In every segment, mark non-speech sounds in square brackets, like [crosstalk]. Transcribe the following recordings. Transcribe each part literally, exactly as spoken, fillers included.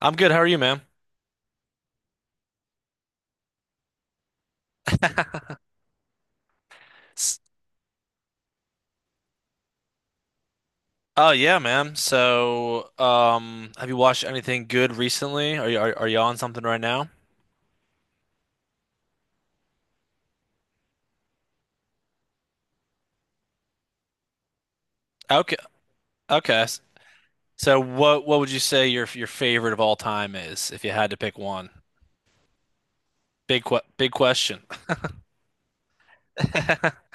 I'm good. How are you, ma'am? S- Oh yeah, ma'am. So, um, have you watched anything good recently? Are you are, are you on something right now? Okay, okay. So, what what would you say your your favorite of all time is, if you had to pick one? Big que big question. [laughs]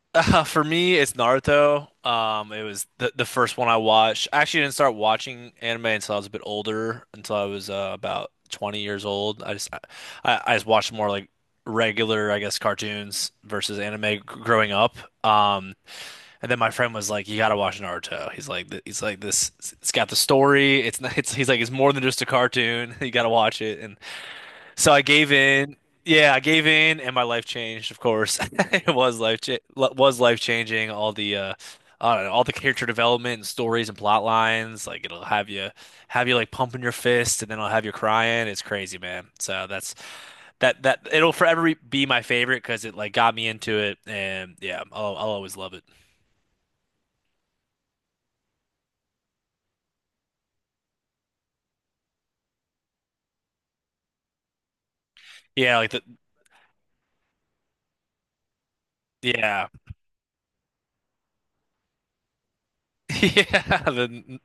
[laughs] Uh, for me, it's Naruto. Um, it was the the first one I watched. I actually didn't start watching anime until I was a bit older, until I was uh, about twenty years old. I just I, I just watched more like regular, I guess, cartoons versus anime g- growing up. Um, and then my friend was like, "You gotta watch Naruto." He's like, th- "He's like this. It's got the story. It's not. It's he's like it's more than just a cartoon. [laughs] You gotta watch it." And so I gave in. Yeah, I gave in, and my life changed. Of course, [laughs] it was life cha was life changing. All the uh, I don't know, all the character development and stories and plot lines. Like it'll have you have you like pumping your fist, and then it'll have you crying. It's crazy, man. So that's that that it'll forever be my favorite because it like got me into it, and yeah, I'll I'll always love it. Yeah, like the yeah [laughs] yeah. The,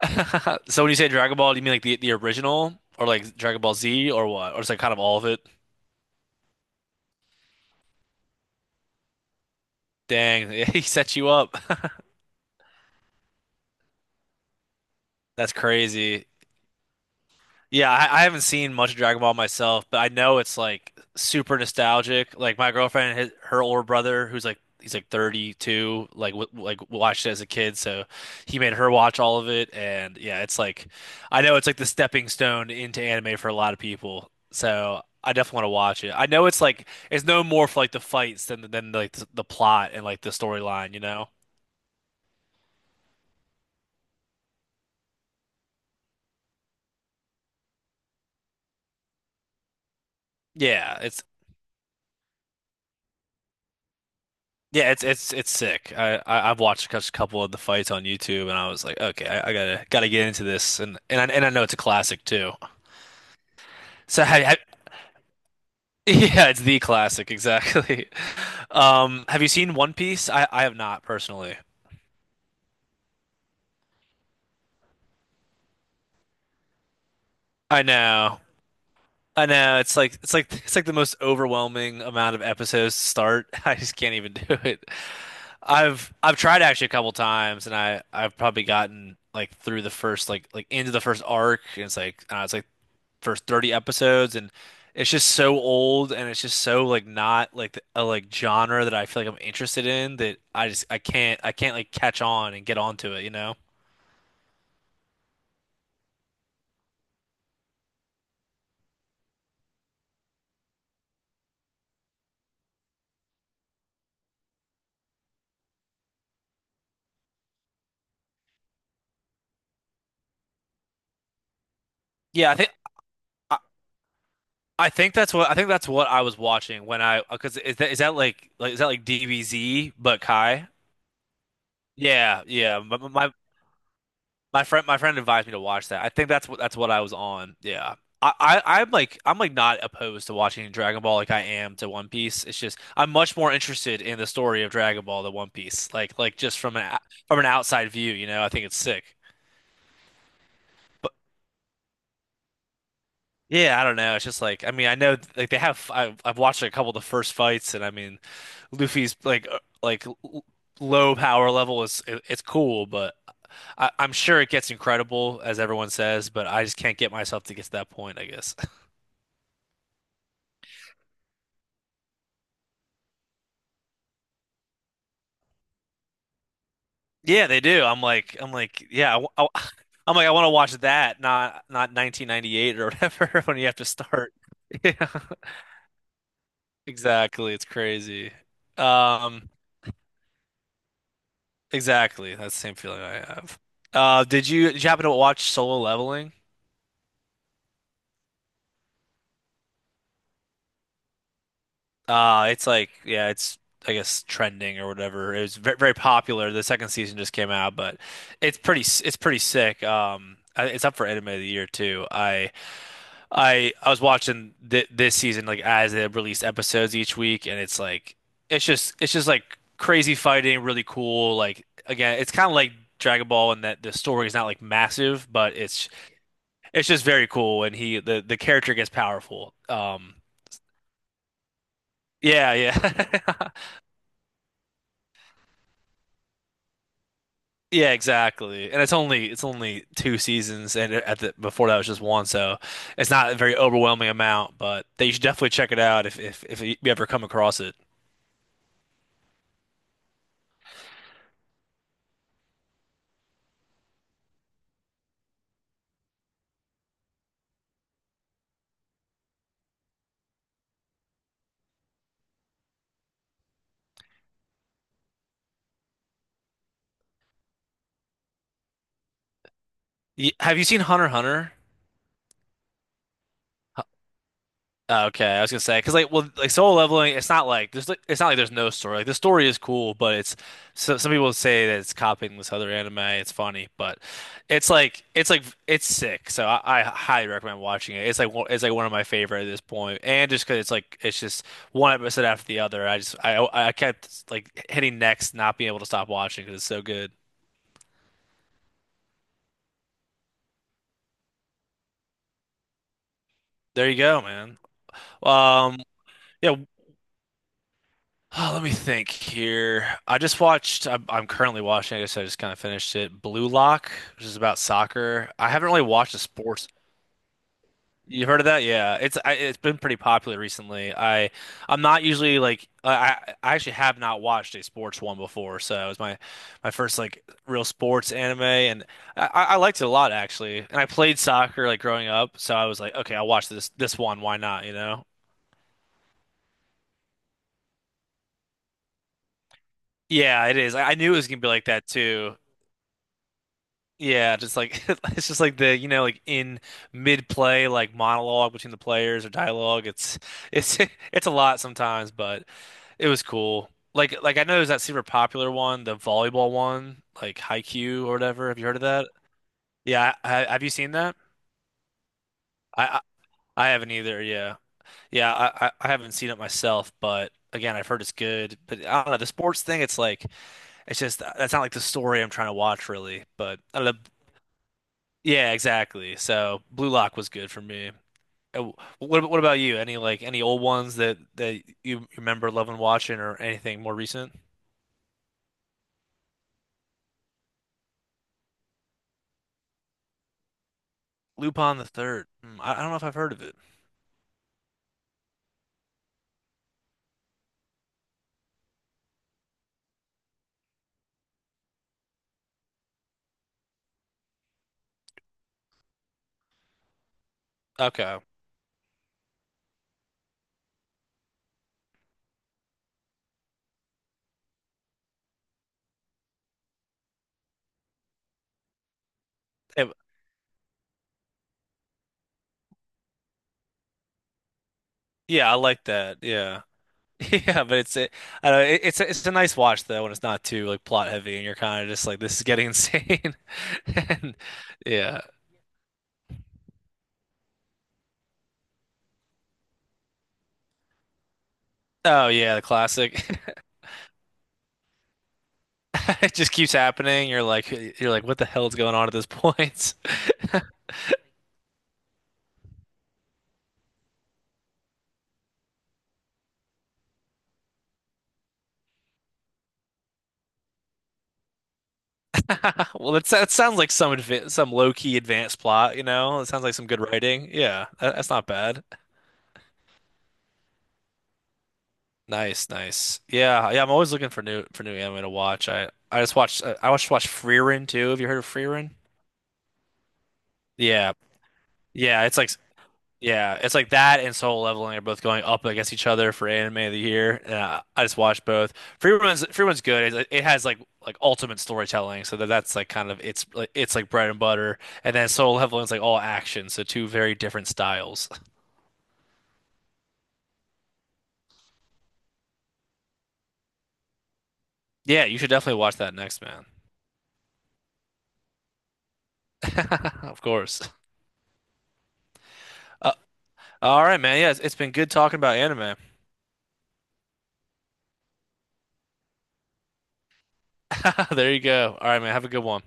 [laughs] So when you say Dragon Ball, do you mean like the the original or like Dragon Ball Z or what? Or it's like kind of all of it? Dang, [laughs] he set you up. [laughs] That's crazy. Yeah, I, I haven't seen much of Dragon Ball myself, but I know it's like super nostalgic. Like my girlfriend, his, her older brother, who's like he's like thirty-two, like w like watched it as a kid, so he made her watch all of it. And yeah, it's like I know it's like the stepping stone into anime for a lot of people. So I definitely want to watch it. I know it's like it's no more for like the fights than than like the, the plot and like the storyline, you know? Yeah, it's Yeah, it's it's it's sick. I, I I've watched a couple of the fights on YouTube, and I was like, okay, I, I gotta gotta get into this, and and I, and I know it's a classic too. So have, have- [laughs] yeah, it's the classic exactly. [laughs] Um, have you seen One Piece? I I have not personally. I know, I know. It's like it's like it's like the most overwhelming amount of episodes to start. [laughs] I just can't even [laughs] do it. I've I've tried actually a couple times, and I I've probably gotten like through the first like like into the first arc, and it's like I don't know, it's like first thirty episodes and it's just so old and it's just so like not like th- a like genre that I feel like I'm interested in that I just I can't I can't like catch on and get onto it, you know? Yeah, I think I, I think that's what I think that's what I was watching when I because is that is that like like is that like D B Z but Kai? Yeah, yeah. My, my My friend, my friend advised me to watch that. I think that's what that's what I was on. Yeah, I, I I'm like I'm like not opposed to watching Dragon Ball like I am to One Piece. It's just I'm much more interested in the story of Dragon Ball than One Piece. Like like just from an o- from an outside view, you know, I think it's sick. But yeah, I don't know. It's just like I mean I know like they have I've, I've watched a couple of the first fights, and I mean Luffy's like uh, like l- low power level is it- it's cool, but I, I'm sure it gets incredible as everyone says, but I just can't get myself to get to that point, I guess. [laughs] Yeah, they do. I'm like I'm like yeah, I, am [laughs] like I want to watch that, not not nineteen ninety-eight or whatever [laughs] when you have to start. [laughs] Yeah, exactly. It's crazy. Um, exactly. That's the same feeling I have. Uh, did you did you happen to watch Solo Leveling? Uh, it's like, yeah, it's, I guess, trending or whatever. It was very, very popular. The second season just came out, but it's pretty, s- it's pretty sick. Um, I- it's up for anime of the year too. I, I, I was watching th this season like as they released episodes each week, and it's like, it's just, it's just like crazy fighting, really cool. Like again, it's kind of like Dragon Ball in that the story is not like massive, but it's, it's just very cool. And he, the, the character gets powerful. Um, yeah, yeah. [laughs] Yeah, exactly. And it's only it's only two seasons, and at the before that was just one, so it's not a very overwhelming amount. But they should definitely check it out if if if you ever come across it. Y- Have you seen Hunter x Hunter? Oh, okay. I was gonna say because like well like Solo Leveling, it's not like there's like it's not like there's no story. Like the story is cool, but it's so some people say that it's copying this other anime. It's funny, but it's like it's like it's sick, so I, I highly recommend watching it. It's like one- it's like one of my favorite at this point, and just because it's like it's just one episode after the other. I just I I kept like hitting next, not being able to stop watching because it's so good. There you go, man. um yeah. Oh, let me think here. I just watched, I'm, I'm currently watching, I guess I just kind of finished it, Blue Lock, which is about soccer. I haven't really watched a sports. You've heard of that? Yeah. It's I, it's been pretty popular recently. I I'm not usually like I I actually have not watched a sports one before, so it was my my first like real sports anime, and I, I I liked it a lot actually. And I played soccer like growing up, so I was like, okay, I'll watch this this one, why not, you know? Yeah, it is. I, I knew it was gonna be like that too. Yeah, just like [laughs] it's just like the you know like in mid play like monologue between the players or dialogue. It's it's [laughs] it's a lot sometimes, but it was cool. Like like I know there's that super popular one, the volleyball one, like Haikyuu or whatever. Have you heard of that? Yeah, I, I- have you seen that? I, I I haven't either. Yeah, yeah, I I I haven't seen it myself, but again, I've heard it's good. But I don't know, the sports thing, it's like it's just that's not like the story I'm trying to watch really. But I don't know. Yeah, exactly. So Blue Lock was good for me. Uh, What what about you? Any like any old ones that that you remember loving watching or anything more recent? Lupin the Third. Hmm, I I don't know if I've heard of it. Okay. Eh, yeah, I like that. Yeah. [laughs] Yeah, but it's it, I don't know, it, it's a, it's a nice watch though when it's not too like plot heavy and you're kind of just like this is getting insane. [laughs] And yeah. Oh yeah, the classic. [laughs] It just keeps happening. You're like you're like what the hell's going on at this point? [laughs] [laughs] Well, it's, that sounds like some adva some low key advanced plot, you know? It sounds like some good writing. Yeah, that, that's not bad. Nice, nice. Yeah, yeah. I'm always looking for new for new anime to watch. I I just watched uh, I watched watched Frieren too. Have you heard of Frieren? Yeah, yeah. It's like yeah, it's like that and Soul Leveling are both going up against each other for anime of the year. And uh, I just watched both. Free Run's Free Run's good. It, it has like like ultimate storytelling, so that that's like kind of it's like it's like bread and butter. And then Soul Leveling's like all action, so two very different styles. Yeah, you should definitely watch that next, man. [laughs] Of course. Uh, all right, man. Yeah, it's, it's been good talking about anime. [laughs] There you go. All right, man. Have a good one.